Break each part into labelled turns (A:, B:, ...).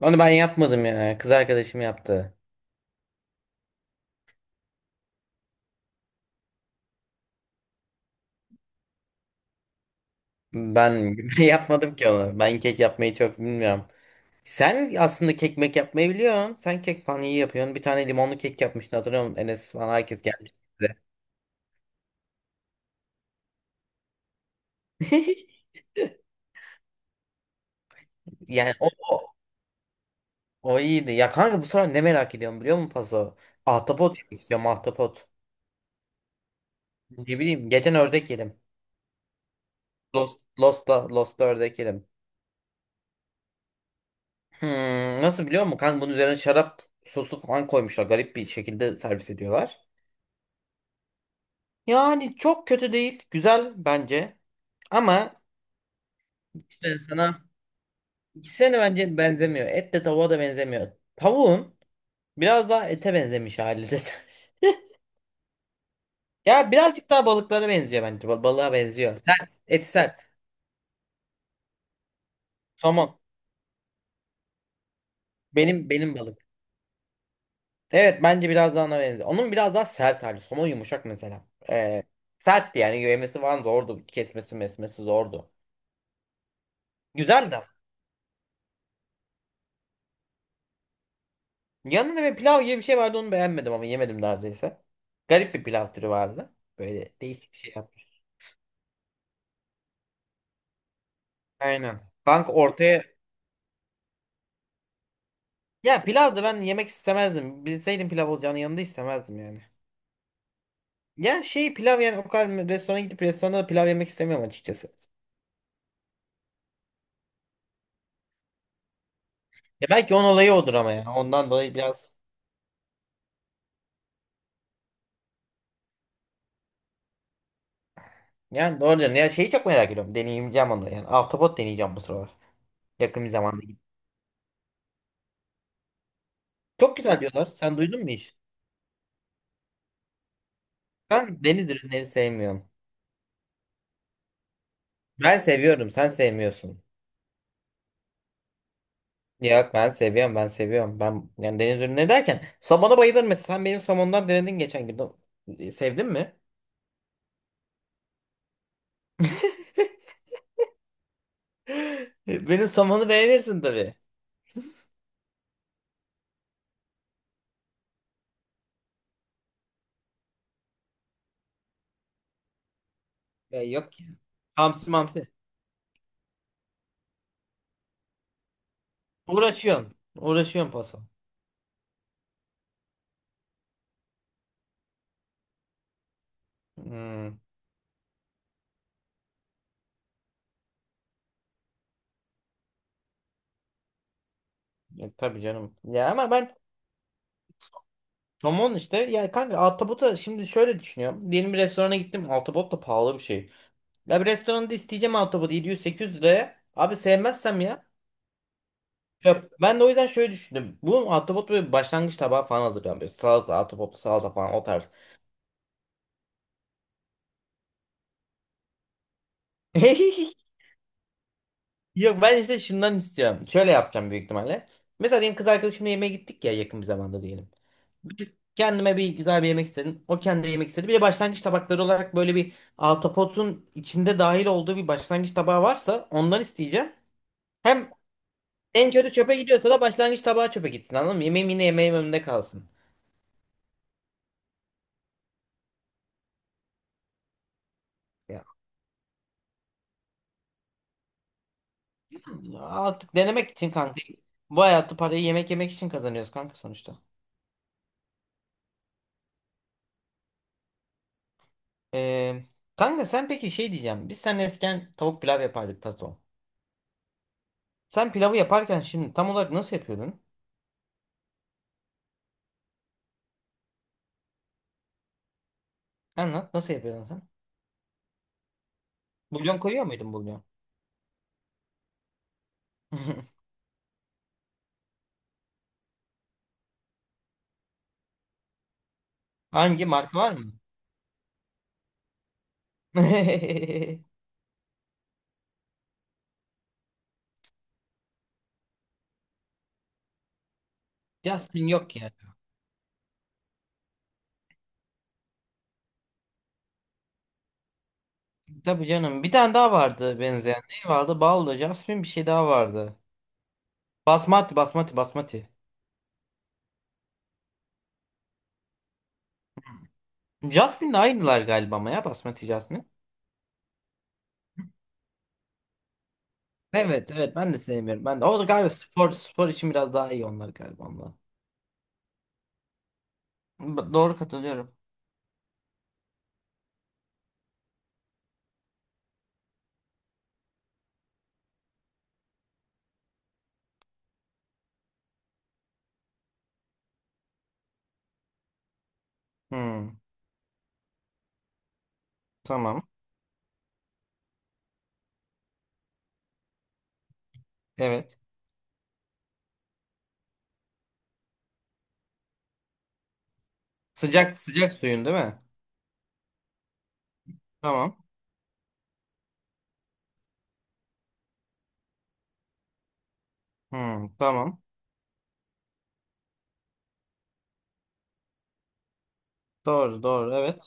A: Onu ben yapmadım ya. Kız arkadaşım yaptı. Ben yapmadım ki onu. Ben kek yapmayı çok bilmiyorum. Sen aslında kek mek yapmayı biliyorsun. Sen kek falan iyi yapıyorsun. Bir tane limonlu kek yapmıştın, hatırlıyor musun? Enes falan herkes gelmiş bize. Yani o iyiydi. Ya kanka, bu sıra ne merak ediyorum biliyor musun Paso? Ahtapot yemek istiyorum, ahtapot. Ne bileyim, geçen ördek yedim. Lost'ta ördek yedim. Hmm, nasıl biliyor musun? Kanka bunun üzerine şarap sosu falan koymuşlar. Garip bir şekilde servis ediyorlar. Yani çok kötü değil. Güzel bence. Ama işte sana ikisine de bence benzemiyor. Et de tavuğa da benzemiyor. Tavuğun biraz daha ete benzemiş hali de. Ya birazcık daha balıklara benziyor bence. Ba- Balığa benziyor. Sert. Eti sert. Somon. Benim balık. Evet, bence biraz daha ona benziyor. Onun biraz daha sert hali. Somon yumuşak mesela. Ee, sertti yani. Yemesi falan zordu. Kesmesi mesmesi zordu. Güzeldi. Yanında bir pilav gibi bir şey vardı, onu beğenmedim ama yemedim neredeyse. Garip bir pilav türü vardı. Böyle değişik bir şey yaptı. Aynen. Kanka ortaya. Ya pilav da ben yemek istemezdim. Bilseydim pilav olacağını yanında, istemezdim yani. Ya şey, pilav yani, o kadar restorana gidip restoranda da pilav yemek istemiyorum açıkçası. Ya belki onun olayı odur ama yani ondan dolayı biraz. Yani doğru diyorsun. Ya şeyi çok merak ediyorum. Deneyeceğim onu. Yani ahtapot deneyeceğim bu sıralar. Yakın bir zamanda gidip. Çok güzel diyorlar. Sen duydun mu hiç? Sen deniz ürünleri sevmiyorsun. Ben seviyorum. Sen sevmiyorsun. Yok, ben seviyorum. Ben yani deniz ürünü derken somona bayılırım mesela. Sen benim somondan denedin geçen gün. O- Sevdin mi? Benim somonu beğenirsin tabii. Ya yok ya. Hamsi mamsi. Uğraşıyorsun. Uğraşıyorsun paso. Hmm. Tabii canım. Ya ama ben somon işte, ya kanka altabota şimdi şöyle düşünüyorum. Diyelim bir restorana gittim. Altabot da pahalı bir şey. Ya bir restoranda isteyeceğim altabot 700-800 liraya. Abi sevmezsem ya. Yok, ben de o yüzden şöyle düşündüm. Bu ahtapot böyle başlangıç tabağı falan hazırlıyorum. Böyle salata, ahtapot, salata falan o tarz. Yok, ben işte şundan istiyorum. Şöyle yapacağım büyük ihtimalle. Mesela diyelim kız arkadaşımla yemeğe gittik ya, yakın bir zamanda diyelim. Kendime bir güzel bir yemek istedim. O kendi yemek istedi. Bir de başlangıç tabakları olarak böyle bir ahtapotun içinde dahil olduğu bir başlangıç tabağı varsa ondan isteyeceğim. Hem en kötü çöpe gidiyorsa da başlangıç tabağı çöpe gitsin, anladın mı? Yemeğim yine yemeğim önünde kalsın. Artık denemek için kanka. Bu hayatı parayı yemek yemek için kazanıyoruz kanka sonuçta. Ee, kanka sen peki şey diyeceğim. Sen eskiden tavuk pilav yapardık tato. Sen pilavı yaparken şimdi tam olarak nasıl yapıyordun? Anlat, nasıl yapıyordun sen? Bulyon koyuyor muydun, bulyon? Hangi marka var mı? Jasmine yok ya. Tabii canım. Bir tane daha vardı benzeyen. Ne vardı? Baldo, Jasmine, bir şey daha vardı. Basmati. Jasmine'le aynılar galiba ama ya basmati, Jasmine. Evet, ben de sevmiyorum. Ben de. O da galiba spor için biraz daha iyi onlar galiba onlar. B- Doğru, katılıyorum. Hmm, tamam. Evet. Sıcak sıcak suyun değil mi? Tamam. Hmm, tamam. Doğru doğru evet.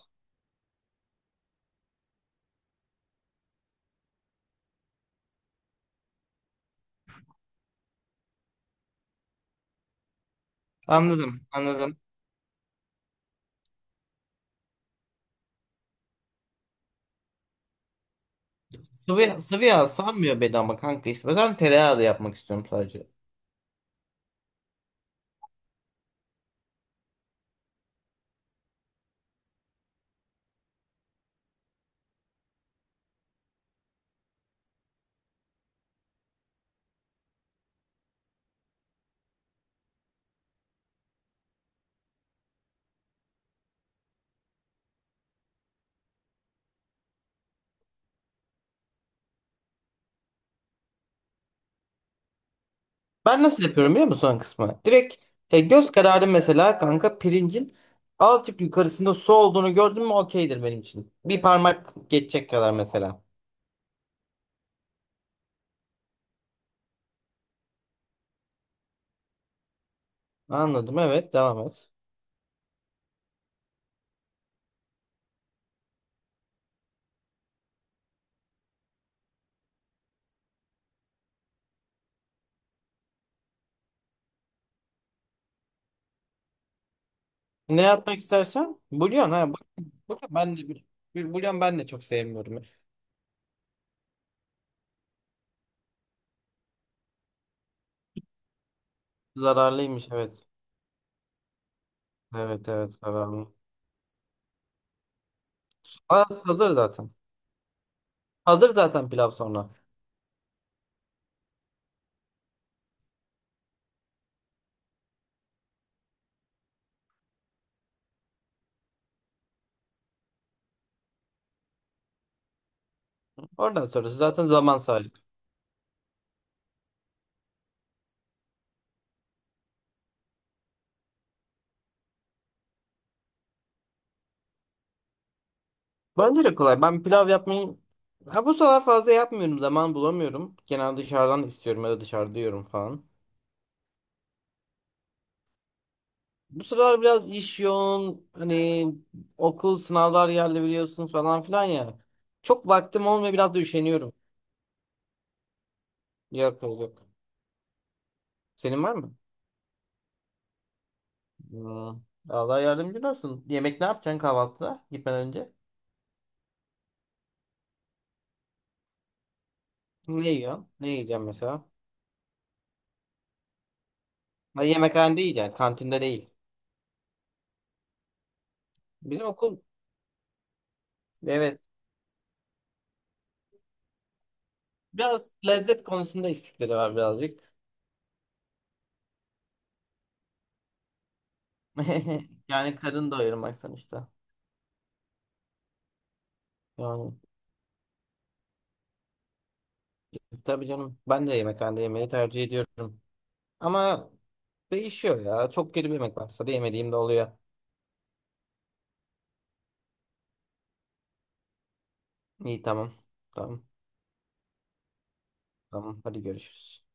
A: Anladım. Sıvı yağ sarmıyor beni ama kanka işte. O yüzden tereyağı da yapmak istiyorum sadece. Ben nasıl yapıyorum biliyor musun son kısmı? Direkt göz kararı mesela kanka, pirincin azıcık yukarısında su olduğunu gördün mü okeydir benim için. Bir parmak geçecek kadar mesela. Anladım. Evet, devam et. Ne atmak istersen? Bulyon ha. bu- Bulyon, ben de bir bir bulyon ben de çok sevmiyorum. Zararlıymış, evet. Evet, zararlı. Aa, hazır zaten. Hazır zaten pilav sonra. Oradan sonrası zaten zaman sadece. Bence de kolay. Ben pilav yapmayı ha bu sıralar fazla yapmıyorum. Zaman bulamıyorum. Genelde dışarıdan istiyorum ya da dışarıda yiyorum falan. Bu sıralar biraz iş yoğun. Hani okul sınavlar geldi biliyorsun falan filan ya. Çok vaktim olmuyor, biraz da üşeniyorum. Yok, yok, yok. Senin var mı? Aa, Allah yardımcın olsun. Yemek ne yapacaksın kahvaltıda gitmeden önce? Ne yiyorsun? Ne yiyeceğim mesela? Ha, yemekhanede yiyeceksin. Kantinde değil. Bizim okul, evet. Biraz lezzet konusunda eksikleri var birazcık. Yani karın doyurmak sonuçta. Yani tabii canım. Ben de yemekhanede yemeği tercih ediyorum. Ama değişiyor ya. Çok kötü bir yemek varsa da yemediğim de oluyor. İyi, tamam. Tamam. Tamam. Hadi görüşürüz.